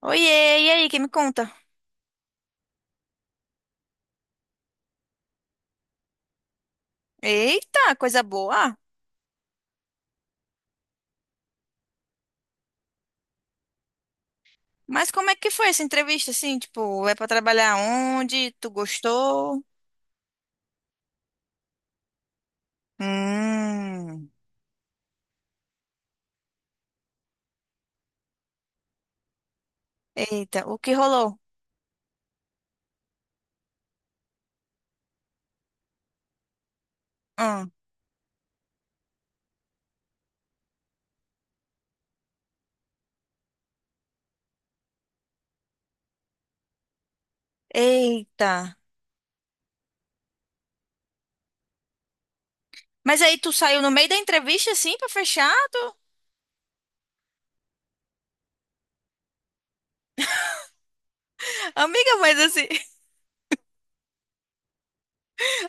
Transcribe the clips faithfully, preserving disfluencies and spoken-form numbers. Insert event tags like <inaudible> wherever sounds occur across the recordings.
Oiê, e aí, quem me conta? Eita, coisa boa. Ah, mas como é que foi essa entrevista, assim? Tipo, é pra trabalhar onde? Tu gostou? Hum. Eita, o que rolou? Hum. Eita. Mas aí tu saiu no meio da entrevista, assim, pra fechar? <laughs> Amiga, mas assim, <laughs>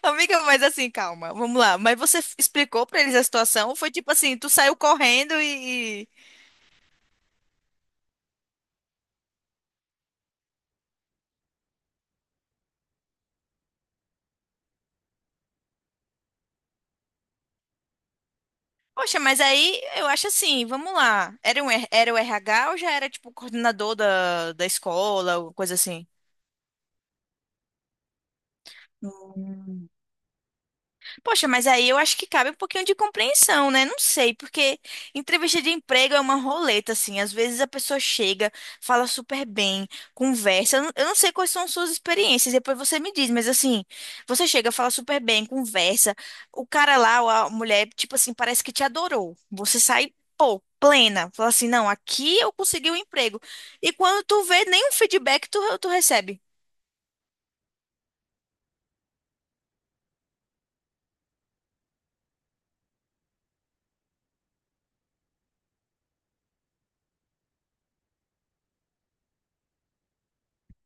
amiga, mas assim, calma, vamos lá. Mas você f- explicou pra eles a situação? Ou foi tipo assim, tu saiu correndo e, poxa, mas aí eu acho assim, vamos lá. Era, um, R- era o R H ou já era tipo coordenador da, da escola, ou coisa assim? Hum. Poxa, mas aí eu acho que cabe um pouquinho de compreensão, né? Não sei, porque entrevista de emprego é uma roleta, assim. Às vezes a pessoa chega, fala super bem, conversa. Eu não, eu não sei quais são suas experiências, depois você me diz, mas assim, você chega, fala super bem, conversa. O cara lá, ou a mulher, tipo assim, parece que te adorou. Você sai, pô, plena. Fala assim, não, aqui eu consegui o um emprego. E quando tu vê, nenhum feedback tu, tu recebe.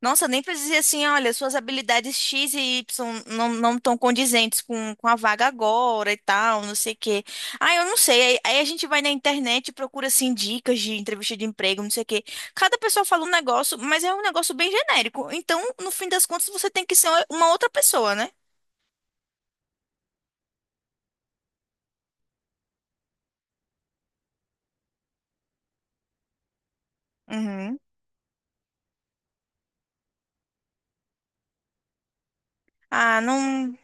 Nossa, nem precisa dizer assim, olha, suas habilidades X e Y não não estão condizentes com, com a vaga agora e tal, não sei o quê. Ah, eu não sei. Aí, aí a gente vai na internet e procura, assim, dicas de entrevista de emprego, não sei o quê. Cada pessoa fala um negócio, mas é um negócio bem genérico. Então, no fim das contas, você tem que ser uma outra pessoa, né? Uhum. Ah, não.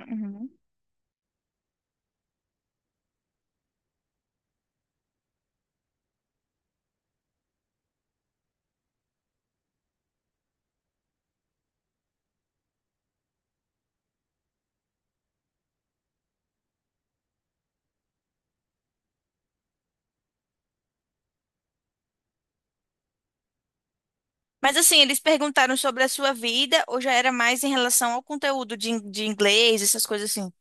Uhum. Mas assim, eles perguntaram sobre a sua vida ou já era mais em relação ao conteúdo de, in- de inglês, essas coisas assim?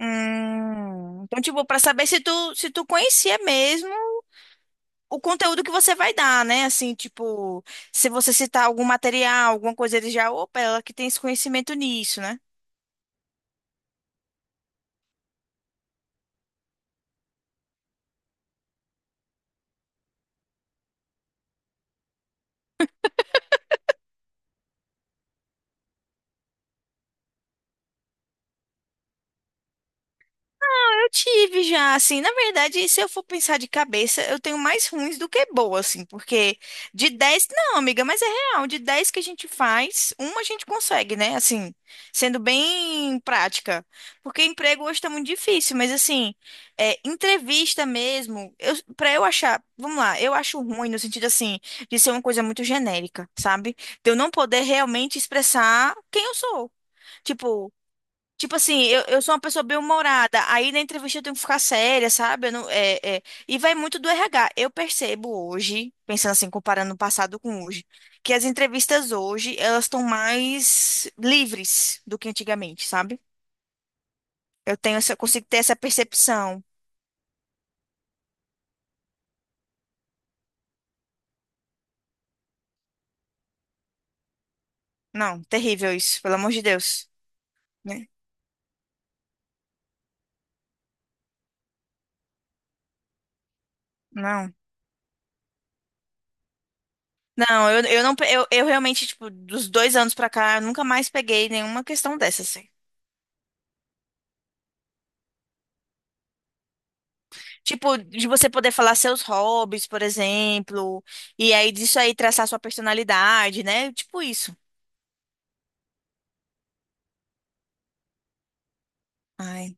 Hum, então, tipo, pra saber se tu, se tu conhecia mesmo o conteúdo que você vai dar, né? Assim, tipo, se você citar algum material, alguma coisa, ele já, opa, ela que tem esse conhecimento nisso, né? Eu tive já, assim, na verdade, se eu for pensar de cabeça, eu tenho mais ruins do que boas assim, porque de dez não, amiga, mas é real, de dez que a gente faz, uma a gente consegue, né? Assim, sendo bem prática. Porque emprego hoje tá muito difícil, mas assim, é, entrevista mesmo, eu, pra eu achar, vamos lá, eu acho ruim no sentido, assim, de ser uma coisa muito genérica, sabe? De eu não poder realmente expressar quem eu sou. Tipo, Tipo assim, eu, eu sou uma pessoa bem humorada, aí na entrevista eu tenho que ficar séria, sabe? Eu não- é, é, e vai muito do R H. Eu percebo hoje, pensando assim, comparando o passado com hoje, que as entrevistas hoje, elas estão mais livres do que antigamente, sabe? Eu tenho essa, eu consigo ter essa percepção. Não, terrível isso, pelo amor de Deus, né? Não. Não, eu, eu não, pe- eu, eu realmente, tipo, dos dois anos pra cá, eu nunca mais peguei nenhuma questão dessa, assim. Tipo, de você poder falar seus hobbies, por exemplo, e aí disso aí traçar sua personalidade, né? Tipo isso. Ai.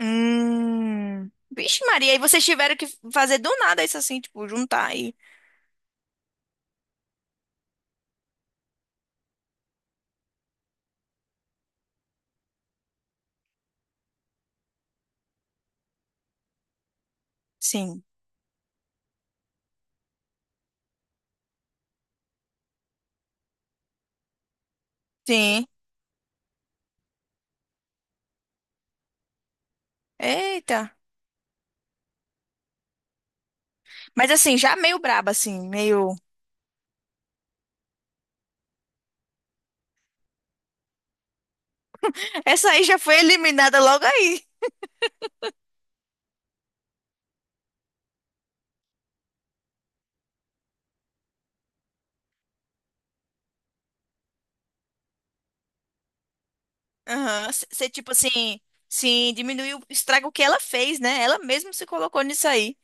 Hum. Vixe, Maria, aí vocês tiveram que fazer do nada isso assim, tipo, juntar aí. Sim. Sim. Eita. Mas assim, já meio braba, assim, meio. Essa aí já foi eliminada logo aí. Aham. Você, tipo assim, sim, diminuiu, estraga o que ela fez, né? Ela mesma se colocou nisso aí.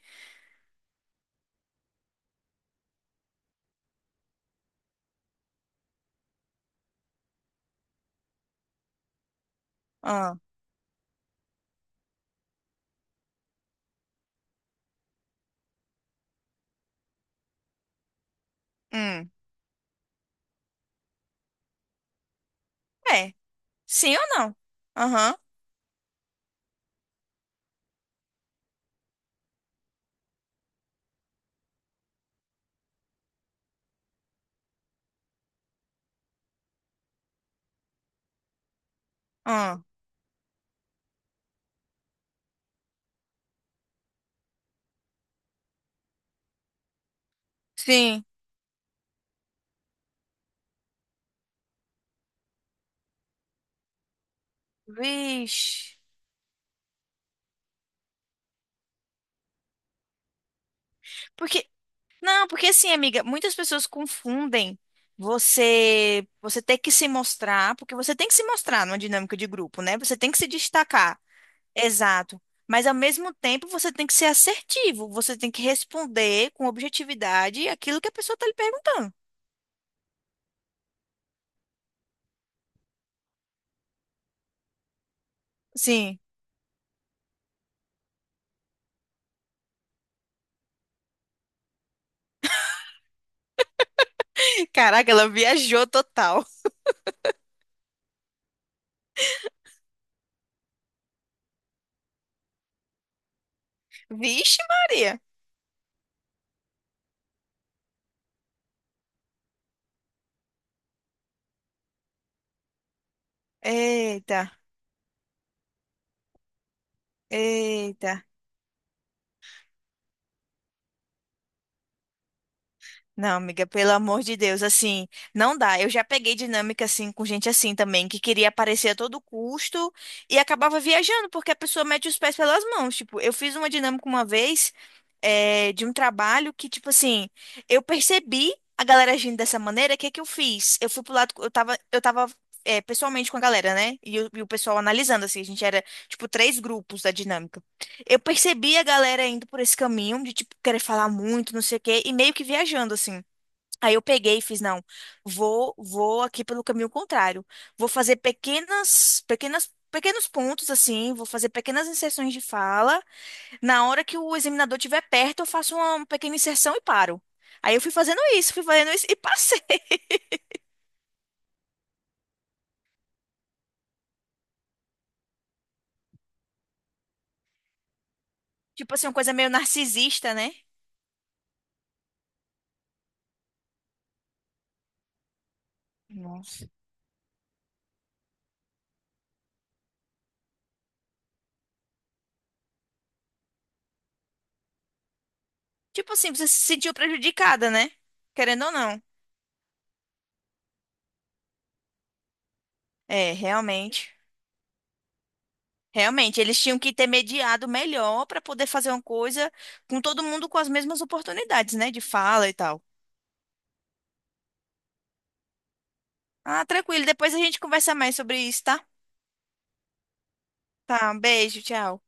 Ah. Hum. É. Sim ou não? Aham. Ahn. Sim. Vixe. Porque, não, porque assim, amiga, muitas pessoas confundem você você ter que se mostrar, porque você tem que se mostrar numa dinâmica de grupo, né? Você tem que se destacar. Exato. Mas ao mesmo tempo, você tem que ser assertivo, você tem que responder com objetividade aquilo que a pessoa está lhe perguntando. Sim. <laughs> Caraca, ela viajou total. Vixe, Maria. Eita, eita. Não, amiga, pelo amor de Deus, assim, não dá. Eu já peguei dinâmica assim com gente assim também, que queria aparecer a todo custo e acabava viajando, porque a pessoa mete os pés pelas mãos. Tipo, eu fiz uma dinâmica uma vez, eh, de um trabalho que, tipo assim, eu percebi a galera agindo dessa maneira, o que que eu fiz? Eu fui pro lado, eu tava, eu tava, eh, pessoalmente com a galera, né? E, o- e o pessoal analisando, assim, a gente era, tipo, três grupos da dinâmica. Eu percebi a galera indo por esse caminho de, tipo, querer falar muito, não sei o quê, e meio que viajando, assim. Aí eu peguei e fiz, não, vou, vou aqui pelo caminho contrário. Vou fazer pequenas, pequenas, pequenos pontos assim, vou fazer pequenas inserções de fala. Na hora que o examinador estiver perto, eu faço uma pequena inserção e paro. Aí eu fui fazendo isso, fui fazendo isso e passei. <laughs> Tipo assim, uma coisa meio narcisista, né? Nossa. Tipo assim, você se sentiu prejudicada, né? Querendo ou não. É, realmente. Realmente, eles tinham que ter mediado melhor para poder fazer uma coisa com todo mundo com as mesmas oportunidades, né, de fala e tal. Ah, tranquilo, depois a gente conversa mais sobre isso, tá? Tá, um beijo, tchau.